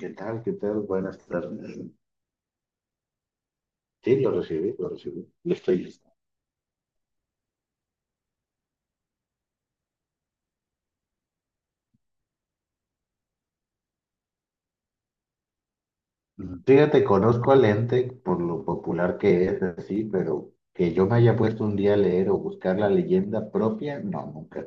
¿Qué tal? ¿Qué tal? Buenas tardes. Sí, lo recibí, lo recibí. Lo estoy listo. Fíjate, conozco al ente por lo popular que es, así, pero que yo me haya puesto un día a leer o buscar la leyenda propia, no, nunca.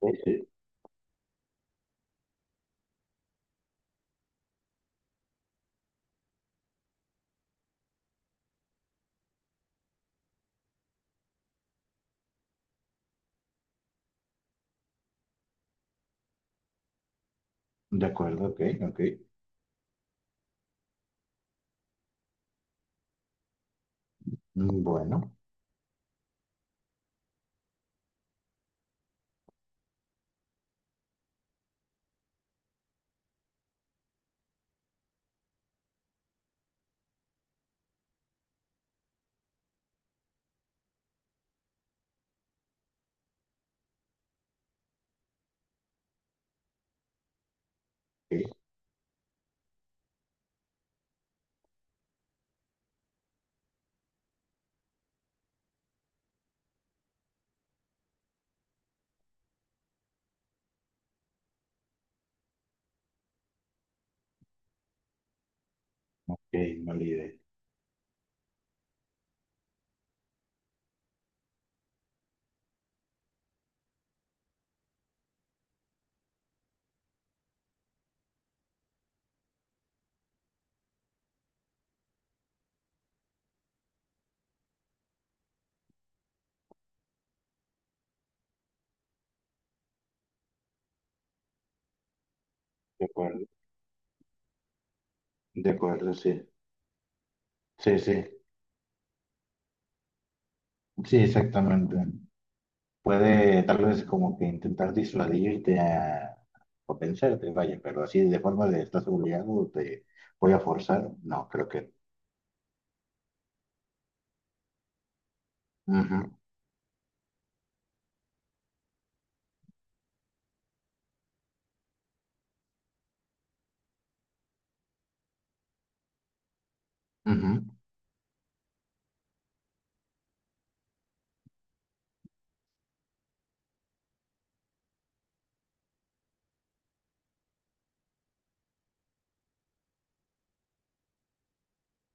Ok. De acuerdo, ok, ok. Bueno. Ok, ok, no la idea. De acuerdo, de acuerdo, sí. Sí, sí, sí, exactamente. Puede tal vez como que intentar disuadirte a- o pensarte, vaya, pero así de forma de estás obligado, te voy a forzar, no, creo que. Ujú, ujú,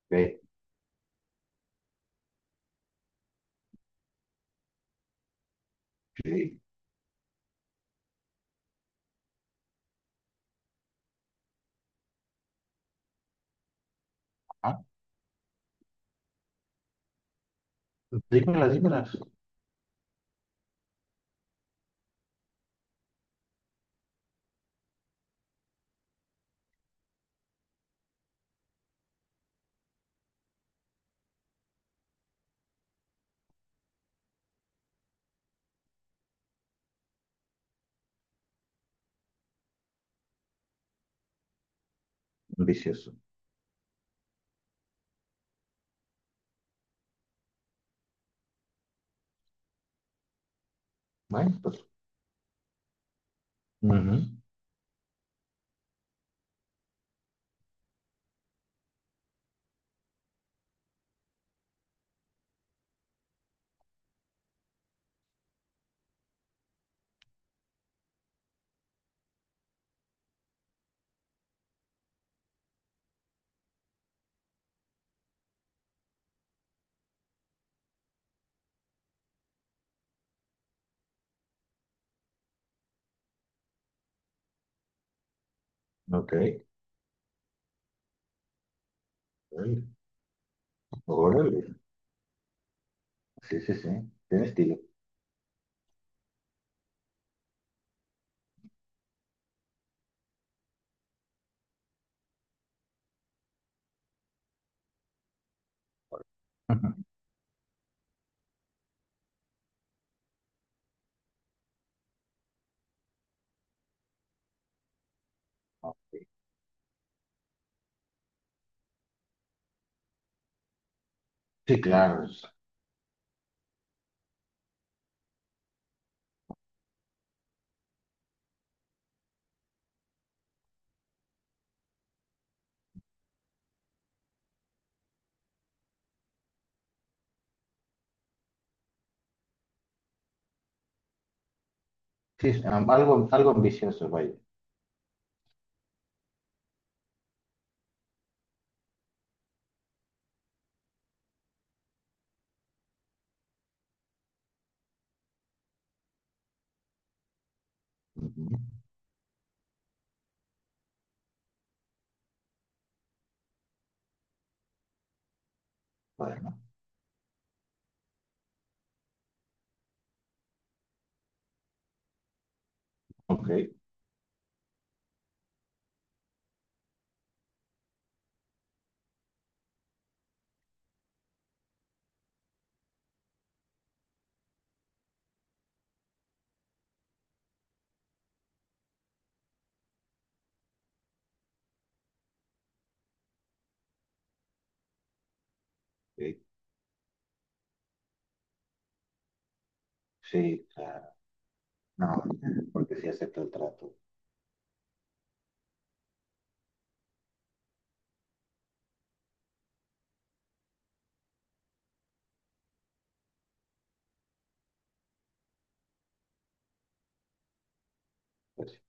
sí, sí. Ah, dímelas, dímelas. Vicioso. Bueno, pues. Ujú. Ok. Órale, órale. Sí, sí, sí. Tiene estilo. Ujú. Ok. Sí, claro, es- Sí, es, algo, algo ambicioso, vaya. Ujú. Bueno, ok. Ok. Sí, claro. No, porque sí acepto el trato. Pues,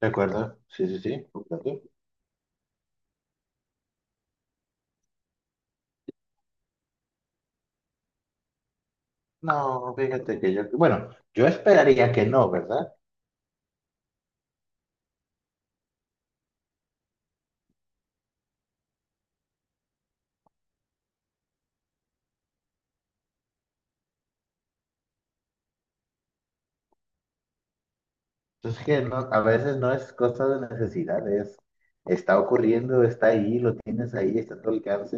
¿de acuerdo? Sí, sí, sí. Ok. No, fíjate que yo, bueno, yo esperaría que no, ¿verdad? Entonces que no, a veces no es cosa de necesidad, es, está ocurriendo, está ahí, lo tienes ahí, está a tu alcance.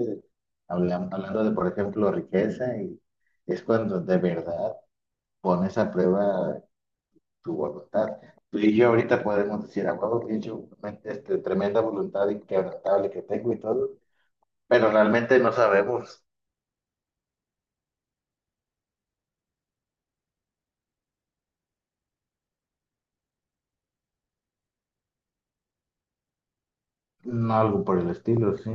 Hablam- hablando de, por ejemplo, riqueza, y es cuando de verdad pones a prueba tu voluntad. Tú y yo ahorita podemos decir, a huevo, pinche, este, tremenda voluntad inquebrantable que tengo y todo, pero realmente no sabemos. Algo por el estilo, sí.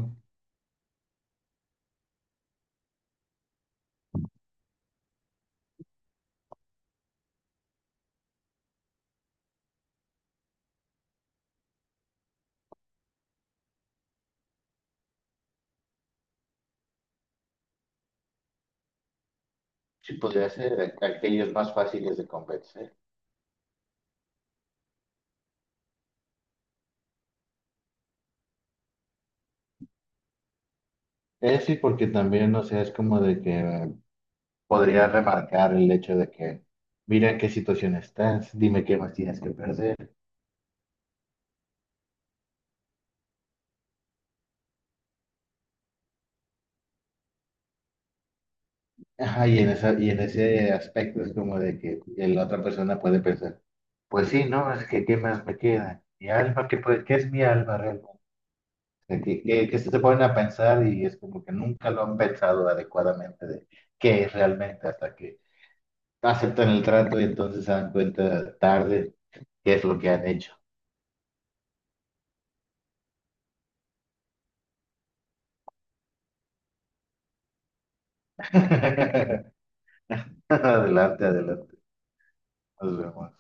Sí, podría ser a- aquellos más fáciles de convencer. Sí, porque también, o sea, es como de que podría remarcar el hecho de que, mira en qué situación estás, dime qué más tienes que perder. Ajá, y en esa, y en ese aspecto es como de que la otra persona puede pensar, pues sí, ¿no? Es que qué más me queda. Mi alma, ¿qué, puede- qué es mi alma realmente? Que se ponen a pensar y es como que nunca lo han pensado adecuadamente de qué es realmente hasta que aceptan el trato y entonces se dan cuenta tarde qué es lo que han hecho. Adelante, adelante. Nos vemos.